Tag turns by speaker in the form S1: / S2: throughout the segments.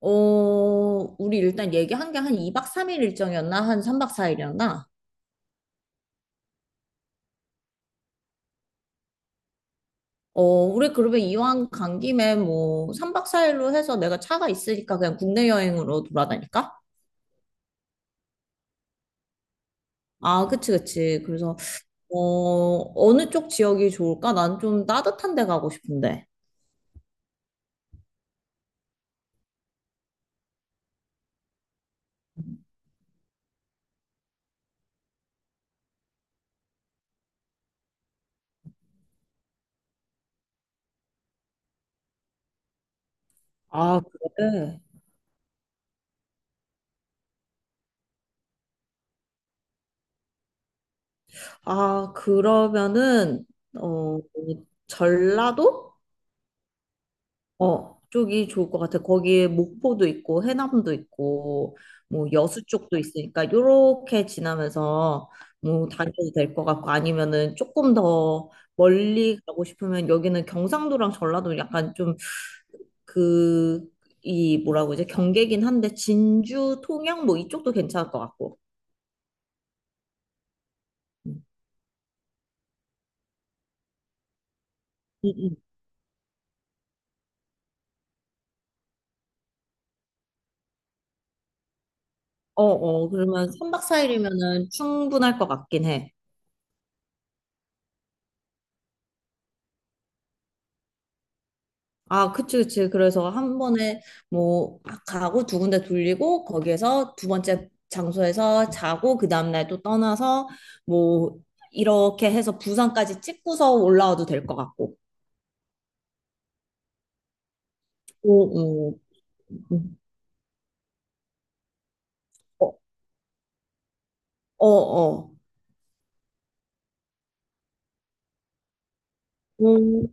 S1: 어, 우리 일단 얘기한 게 한 2박 3일 일정이었나? 한 3박 4일이었나? 어, 우리 그러면 이왕 간 김에 뭐 3박 4일로 해서 내가 차가 있으니까 그냥 국내 여행으로 돌아다닐까? 아, 그치, 그치. 그래서, 어, 어느 쪽 지역이 좋을까? 난 좀 따뜻한 데 가고 싶은데. 아, 그래? 아, 그러면은, 어, 전라도? 어, 쪽이 좋을 것 같아. 거기에 목포도 있고 해남도 있고 뭐 여수 쪽도 있으니까 요렇게 지나면서 뭐 다녀도 될 것 같고 아니면은 조금 더 멀리 가고 싶으면 여기는 경상도랑 전라도 약간 좀 그 이 뭐라고 이제 경계긴 한데 진주, 통영 뭐 이쪽도 괜찮을 것 같고. 음, 음. 어, 어. 그러면 삼박사일이면은 충분할 것 같긴 해. 아, 그치, 그치. 그래서 한 번에 뭐 막 가고 두 군데 돌리고 거기에서 두 번째 장소에서 자고 그 다음날 또 떠나서 뭐 이렇게 해서 부산까지 찍고서 올라와도 될 것 같고. 오, 오. 어, 어, 어.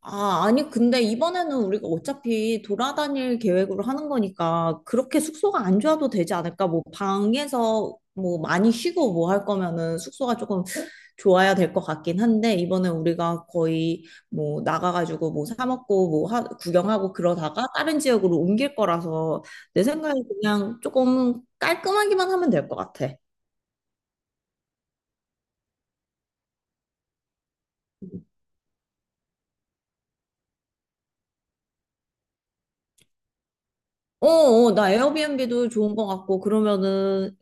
S1: 아, 아니, 근데 이번에는 우리가 어차피 돌아다닐 계획으로 하는 거니까 그렇게 숙소가 안 좋아도 되지 않을까? 뭐 방에서 뭐 많이 쉬고 뭐 할 거면은 숙소가 조금 좋아야 될 것 같긴 한데 이번에 우리가 거의 뭐 나가가지고 뭐 사 먹고 뭐 구경하고 그러다가 다른 지역으로 옮길 거라서 내 생각에 그냥 조금 깔끔하기만 하면 될 것 같아. 어, 어, 나 에어비앤비도 좋은 것 같고, 그러면은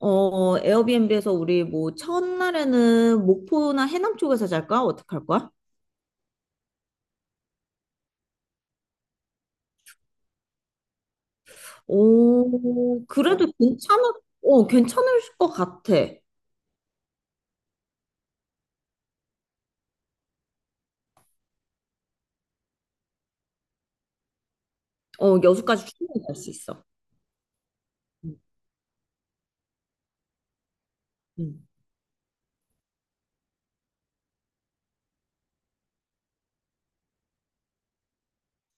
S1: 어, 에어비앤비에서 우리 뭐 첫날에는 목포나 해남 쪽에서 잘까? 어떡할 거야? 오, 어, 그래도 괜찮을, 어, 괜찮을 것 같아. 어, 여수까지 충분히 갈 수 있어. 음, 음.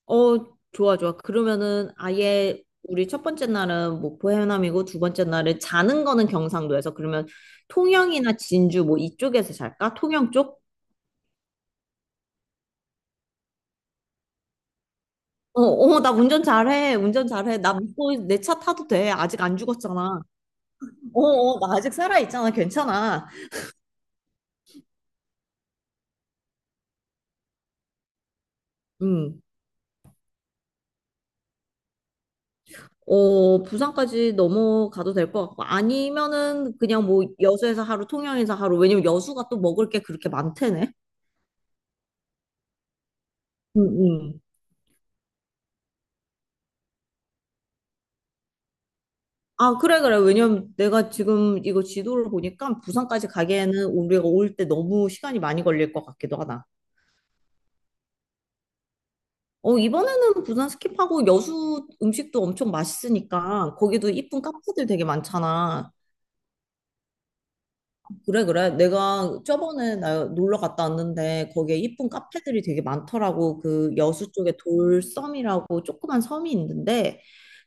S1: 어, 좋아, 좋아. 그러면은 아예 우리 첫 번째 날은 목포 해남이고 두 번째 날은 자는 거는 경상도에서 그러면 통영이나 진주 뭐 이쪽에서 잘까? 통영 쪽? 어, 어, 나 운전 잘해. 운전 잘해. 나 믿고 내 차 타도 돼. 아직 안 죽었잖아. 어, 어, 나 아직 살아있잖아. 괜찮아. 음. 어, 부산까지 넘어가도 될 것 같고. 아니면은 그냥 뭐 여수에서 하루, 통영에서 하루. 왜냐면 여수가 또 먹을 게 그렇게 많대네. 응, 응. 아, 그래, 그래. 왜냐면 내가 지금 이거 지도를 보니까 부산까지 가기에는 우리가 올 때 너무 시간이 많이 걸릴 것 같기도 하다. 어, 이번에는 부산 스킵하고 여수 음식도 엄청 맛있으니까 거기도 이쁜 카페들 되게 많잖아. 그래, 그래. 내가 저번에 나 놀러 갔다 왔는데 거기에 이쁜 카페들이 되게 많더라고. 그 여수 쪽에 돌섬이라고 조그만 섬이 있는데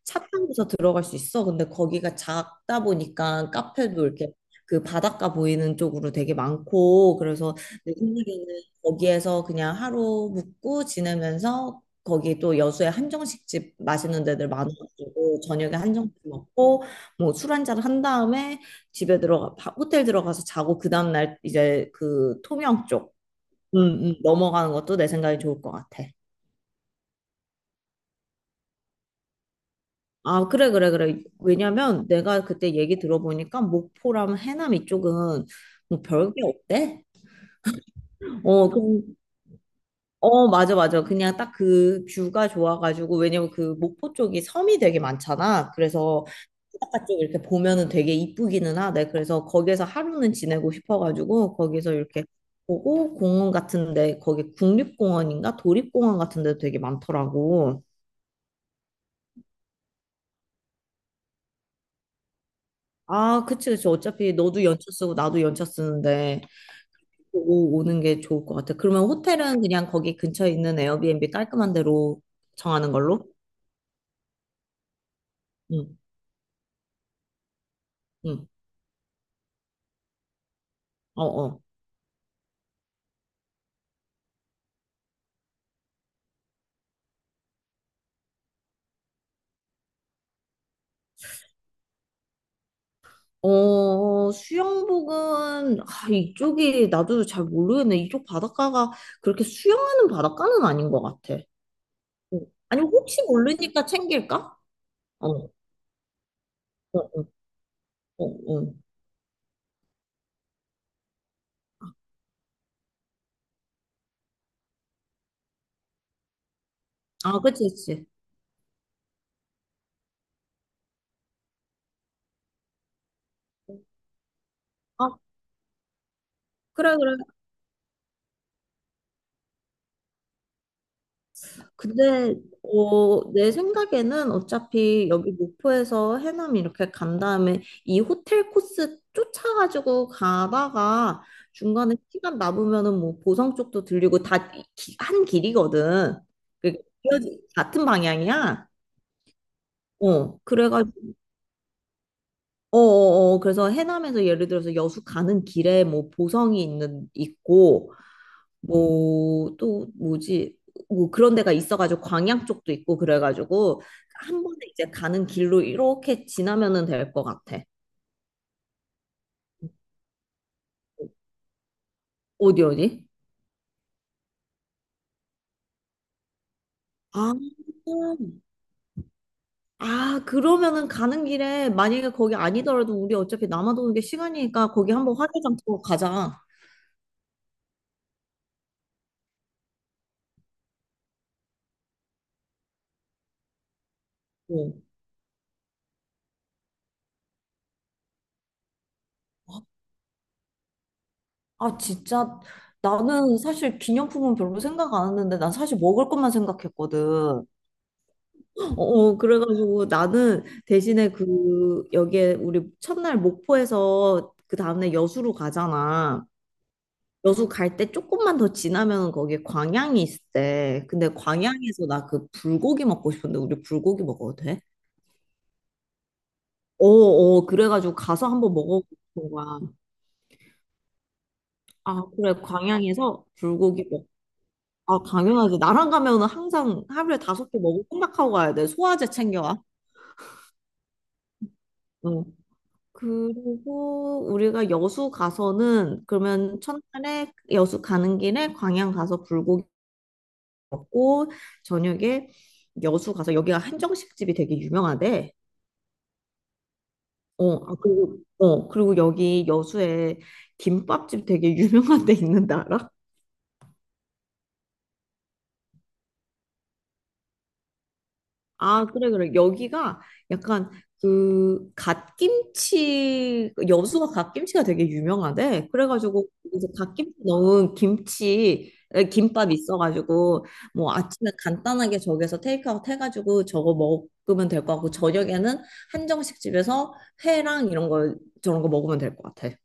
S1: 차 타고서 들어갈 수 있어. 근데 거기가 작다 보니까 카페도 이렇게 그 바닷가 보이는 쪽으로 되게 많고 그래서 내 생각에는 거기에서 그냥 하루 묵고 지내면서 거기 또 여수에 한정식집 맛있는 데들 많아가지고 저녁에 한정식 먹고 뭐 술 한잔 한 다음에 호텔 들어가서 자고 그 다음 날 이제 그 통영 쪽 음, 넘어가는 것도 내 생각이 좋을 것 같아. 아, 그래, 그래, 그래. 왜냐면 내가 그때 얘기 들어보니까 목포랑 해남 이쪽은 뭐 별게 없대? 어, 그, 어, 맞아, 맞아. 그냥 딱 그 뷰가 좋아가지고, 왜냐면 그 목포 쪽이 섬이 되게 많잖아. 그래서 바깥쪽 이렇게 보면은 되게 이쁘기는 하대. 그래서 거기에서 하루는 지내고 싶어가지고 거기서 이렇게 보고 공원 같은데 거기 국립공원인가 도립공원 같은데도 되게 많더라고. 아, 그치, 그치. 어차피 너도 연차 쓰고 나도 연차 쓰는데 보고 오는 게 좋을 것 같아. 그러면 호텔은 그냥 거기 근처에 있는 에어비앤비 깔끔한 데로 정하는 걸로? 응, 응. 어, 어. 어, 수영복은, 아, 이쪽이, 나도 잘 모르겠네. 이쪽 바닷가가 그렇게 수영하는 바닷가는 아닌 것 같아. 어. 아니, 혹시 모르니까 챙길까? 어, 어, 어, 어. 어. 아, 그치, 그치. 아, 그래, 그래. 근데 어, 내 생각에는 어차피 여기 목포에서 해남 이렇게 간 다음에 이 호텔 코스 쫓아가지고 가다가 중간에 시간 남으면은 뭐 보성 쪽도 들리고 다 한 길이거든. 그 같은 방향이야. 어, 그래가지고 어어어 그래서 해남에서 예를 들어서 여수 가는 길에 뭐 보성이 있는 있고 뭐 또 뭐지 뭐 그런 데가 있어가지고 광양 쪽도 있고 그래가지고 한 번에 이제 가는 길로 이렇게 지나면은 될 것 같아. 어디 어디? 아, 아 그러면은 가는 길에 만약에 거기 아니더라도 우리 어차피 남아도는 게 시간이니까 거기 한번 화개장 보 가자. 응. 아, 진짜. 나는 사실 기념품은 별로 생각 안 했는데, 난 사실 먹을 것만 생각했거든. 어, 그래가지고 나는 대신에 그, 여기에 우리 첫날 목포에서 그 다음날 여수로 가잖아. 여수 갈 때 조금만 더 지나면 거기에 광양이 있대. 근데 광양에서 나 그 불고기 먹고 싶은데, 우리 불고기 먹어도 돼? 어, 어, 그래가지고 가서 한번 먹어보고 싶은 거야. 아, 그래, 광양에서 불고기 아, 당연하지. 나랑 가면은 항상 하루에 5개 먹을 생각하고 가야 돼. 소화제 챙겨와. 응. 그리고 우리가 여수 가서는 그러면 첫날에 여수 가는 길에 광양 가서 불고기 먹고 저녁에 여수 가서 여기가 한정식집이 되게 유명하대. 어, 아, 그리고 어, 그리고 여기 여수에 김밥집 되게 유명한 데 있는데 알아? 아, 그래, 그래. 여기가 약간 그 갓김치, 여수가 갓김치가 되게 유명하대. 그래가지고 이제 갓김치 넣은 김치, 에, 김밥 있어가지고 뭐 아침에 간단하게 저기서 테이크아웃 해가지고 저거 먹으면 될 것 같고 저녁에는 한정식 집에서 회랑 이런 거 저런 거 먹으면 될 것 같아.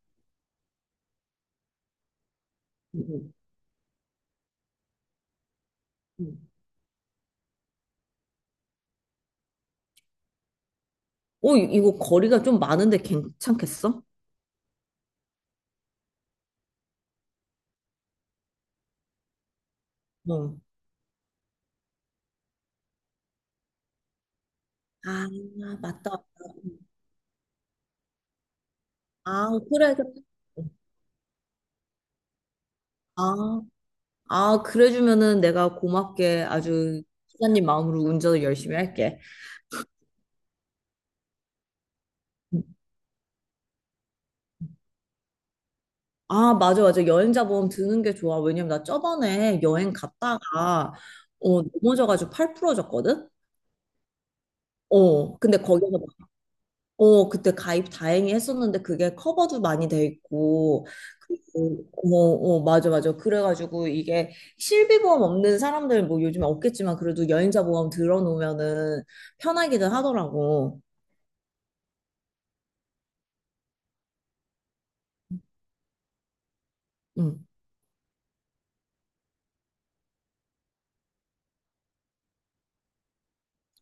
S1: 음, 음, 음. 어, 이거 거리가 좀 많은데 괜찮겠어? 어. 아, 맞다. 아, 그래, 그래. 아, 아, 그래주면은 내가 고맙게 아주 기사님 마음으로 운전을 열심히 할게. 아, 맞아, 맞아. 여행자 보험 드는 게 좋아. 왜냐면 나 저번에 여행 갔다가, 어, 넘어져가지고 팔 부러졌거든? 어, 근데 거기서, 어, 그때 가입 다행히 했었는데 그게 커버도 많이 돼 있고, 그리고, 어, 어, 맞아, 맞아. 그래가지고 이게 실비보험 없는 사람들 뭐 요즘에 없겠지만 그래도 여행자 보험 들어놓으면은 편하기는 하더라고. 응.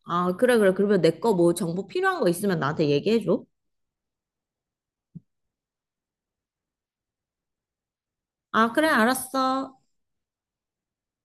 S1: 아, 그래, 그래. 그러면 내 거 뭐 정보 필요한 거 있으면 나한테 얘기해줘. 아, 그래, 알았어.